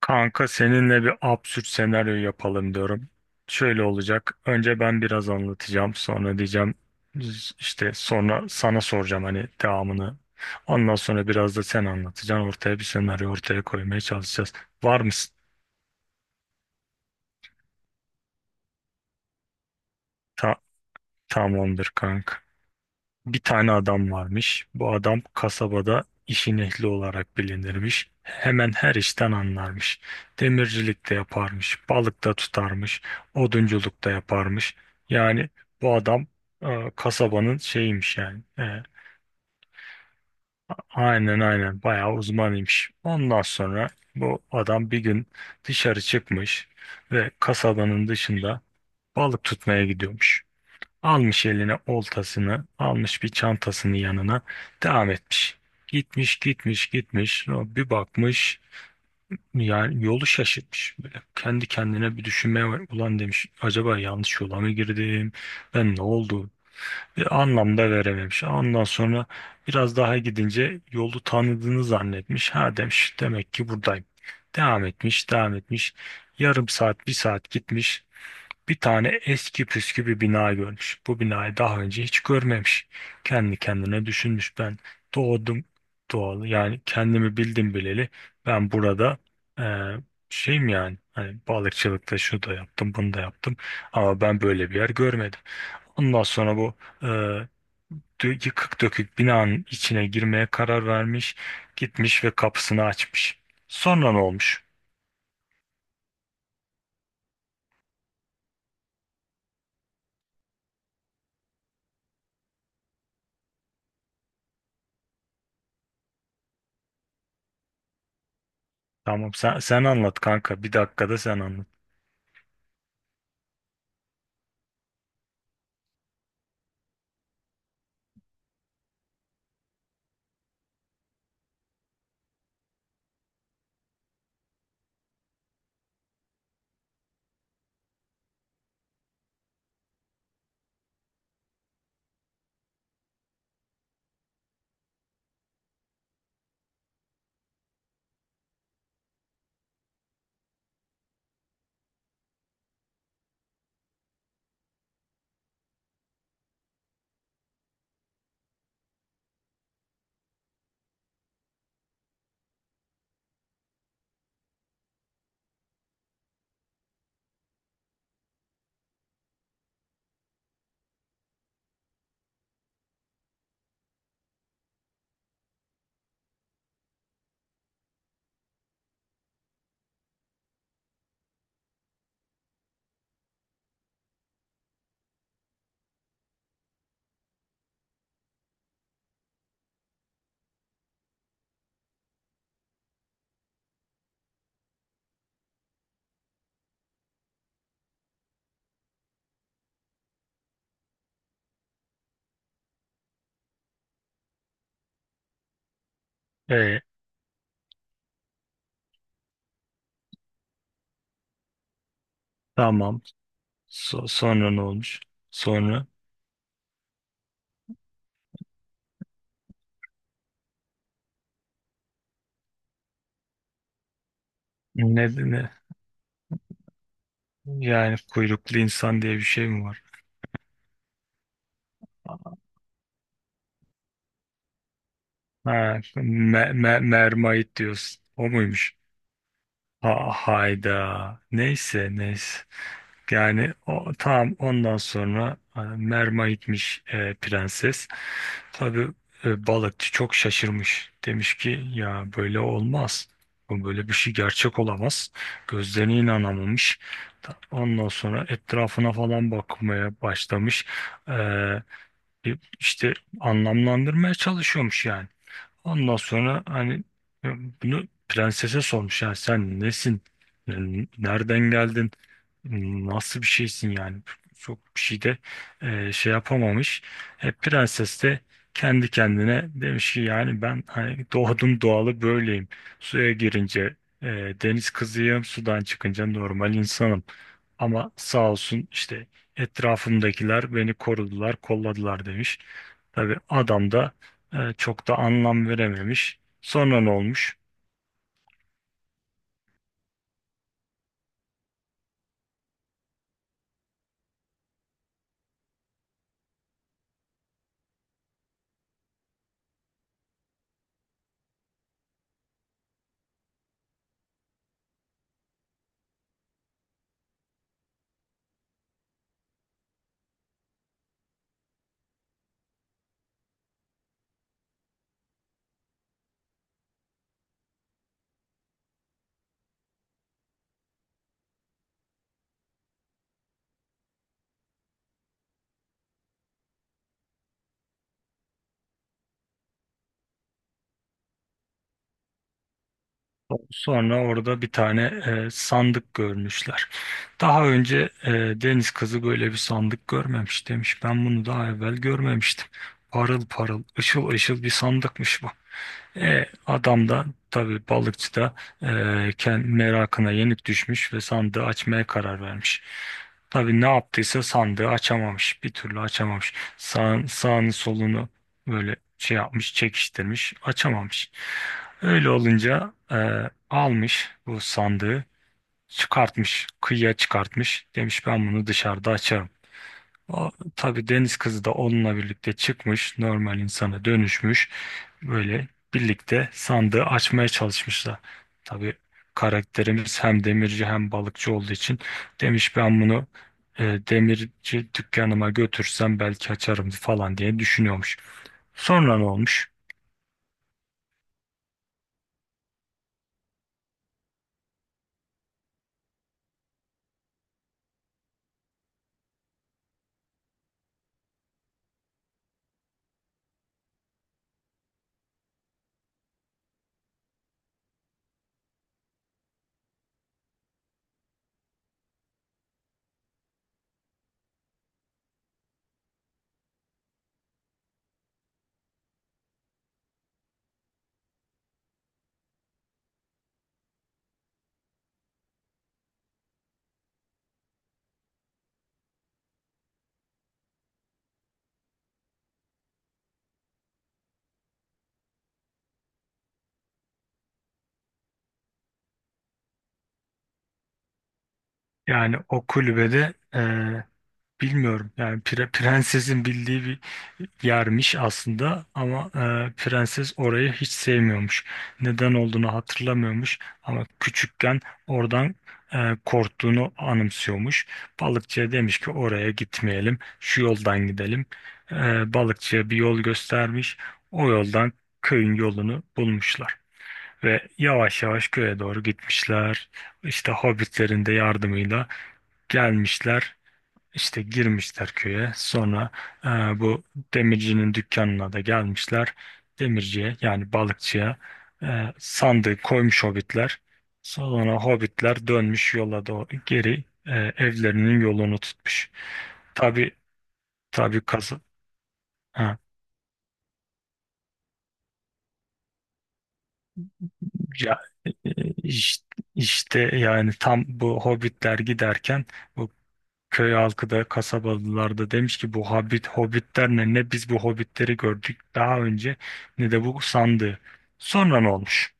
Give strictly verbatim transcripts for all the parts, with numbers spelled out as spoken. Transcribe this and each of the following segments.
Kanka seninle bir absürt senaryo yapalım diyorum. Şöyle olacak. Önce ben biraz anlatacağım. Sonra diyeceğim işte sonra sana soracağım hani devamını. Ondan sonra biraz da sen anlatacaksın. Ortaya bir senaryo ortaya koymaya çalışacağız. Var mısın? Ta- tamamdır kanka. Bir tane adam varmış. Bu adam kasabada işin ehli olarak bilinirmiş. Hemen her işten anlarmış. Demircilik de yaparmış, balık da tutarmış, odunculuk da yaparmış. Yani bu adam e, kasabanın şeyiymiş yani. E, aynen, aynen, bayağı uzmanıymış. Ondan sonra bu adam bir gün dışarı çıkmış ve kasabanın dışında balık tutmaya gidiyormuş. Almış eline oltasını, almış bir çantasını yanına, devam etmiş. Gitmiş, gitmiş, gitmiş. O Bir bakmış, yani yolu şaşırtmış. Böyle kendi kendine bir düşünmeye var. Ulan demiş, acaba yanlış yola mı girdim? Ben ne oldu? Bir anlam da verememiş. Ondan sonra biraz daha gidince yolu tanıdığını zannetmiş. Ha demiş, demek ki buradayım. Devam etmiş, devam etmiş. Yarım saat, bir saat gitmiş. Bir tane eski püskü bir bina görmüş. Bu binayı daha önce hiç görmemiş. Kendi kendine düşünmüş. Ben doğdum doğalı, yani kendimi bildim bileli, ben burada eee şeyim, yani hani balıkçılıkta şunu da yaptım bunu da yaptım. Ama ben böyle bir yer görmedim. Ondan sonra bu eee, dö- yıkık dökük binanın içine girmeye karar vermiş. Gitmiş ve kapısını açmış. Sonra ne olmuş? Tamam sen, sen anlat kanka, bir dakikada sen anlat. Ee, Tamam. So- sonra ne olmuş? Sonra ne, ne, yani kuyruklu insan diye bir şey mi var? Ha, me- me- mermaid diyorsun. O muymuş? Ha, hayda. Neyse, neyse. Yani o, tamam ondan sonra e, merma gitmiş, e, prenses. Tabii e, balıkçı çok şaşırmış. Demiş ki ya böyle olmaz. Bu Böyle bir şey gerçek olamaz. Gözlerine inanamamış. Ta- Ondan sonra etrafına falan bakmaya başlamış. E, e, işte anlamlandırmaya çalışıyormuş yani. Ondan sonra hani e, bunu prensese sormuş, ya sen nesin? Yani Nereden geldin? Nasıl bir şeysin yani? Çok bir şey de e, şey yapamamış. E, prenses de kendi kendine demiş ki, yani ben hani doğdum doğalı böyleyim. Suya girince e, deniz kızıyım, sudan çıkınca normal insanım. Ama sağ olsun işte etrafımdakiler beni korudular, kolladılar demiş. Tabii adam da e, çok da anlam verememiş. Sonra ne olmuş? Sonra orada bir tane e, sandık görmüşler. Daha önce e, deniz kızı böyle bir sandık görmemiş demiş. Ben bunu daha evvel görmemiştim. Parıl parıl, ışıl ışıl bir sandıkmış bu. E, adam da, tabii balıkçı da, e, kend- merakına yenik düşmüş ve sandığı açmaya karar vermiş. Tabii ne yaptıysa sandığı açamamış. Bir türlü açamamış. Sağ, sağını solunu böyle şey yapmış, çekiştirmiş, açamamış. Öyle olunca e, almış bu sandığı, çıkartmış, kıyıya çıkartmış. Demiş ben bunu dışarıda açarım. O, tabii deniz kızı da onunla birlikte çıkmış, normal insana dönüşmüş. Böyle birlikte sandığı açmaya çalışmışlar. Tabii karakterimiz hem demirci hem balıkçı olduğu için demiş ben bunu e, demirci dükkanıma götürsem belki açarım falan diye düşünüyormuş. Sonra ne olmuş? Yani o kulübede, e, bilmiyorum yani pre- prensesin bildiği bir Yarmiş aslında, ama e, prenses orayı hiç sevmiyormuş. Neden olduğunu hatırlamıyormuş ama küçükken oradan e, korktuğunu anımsıyormuş. Balıkçıya demiş ki oraya gitmeyelim, şu yoldan gidelim. E, balıkçıya bir yol göstermiş. O yoldan köyün yolunu bulmuşlar. Ve yavaş yavaş köye doğru gitmişler. İşte hobbitlerin de yardımıyla gelmişler. İşte girmişler köye. Sonra e, bu demircinin dükkanına da gelmişler. Demirciye, yani balıkçıya, e, sandığı koymuş hobbitler. Sonra hobbitler dönmüş yola doğru geri, e, evlerinin yolunu tutmuş. Tabii, tabii kazı ha, ya, e, işte, işte yani tam bu hobbitler giderken bu köy halkı da, kasabalılar da demiş ki bu hobbit hobbitler ne ne biz bu hobbitleri gördük daha önce, ne de bu sandığı. Sonra ne olmuş?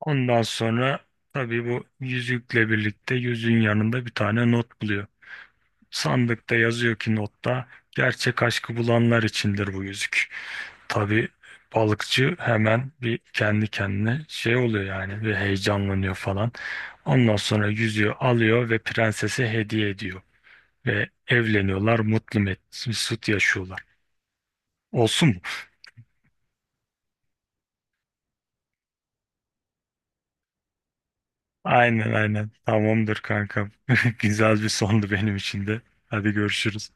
Ondan sonra tabii bu yüzükle birlikte yüzüğün yanında bir tane not buluyor. Sandıkta yazıyor ki, notta, gerçek aşkı bulanlar içindir bu yüzük. Tabii balıkçı hemen bir kendi kendine şey oluyor yani, ve heyecanlanıyor falan. Ondan sonra yüzüğü alıyor ve prensese hediye ediyor. ve evleniyorlar, mutlu mesut yaşıyorlar. Olsun mu? Aynen, aynen. Tamamdır kankam. Güzel bir sondu benim için de. Hadi görüşürüz.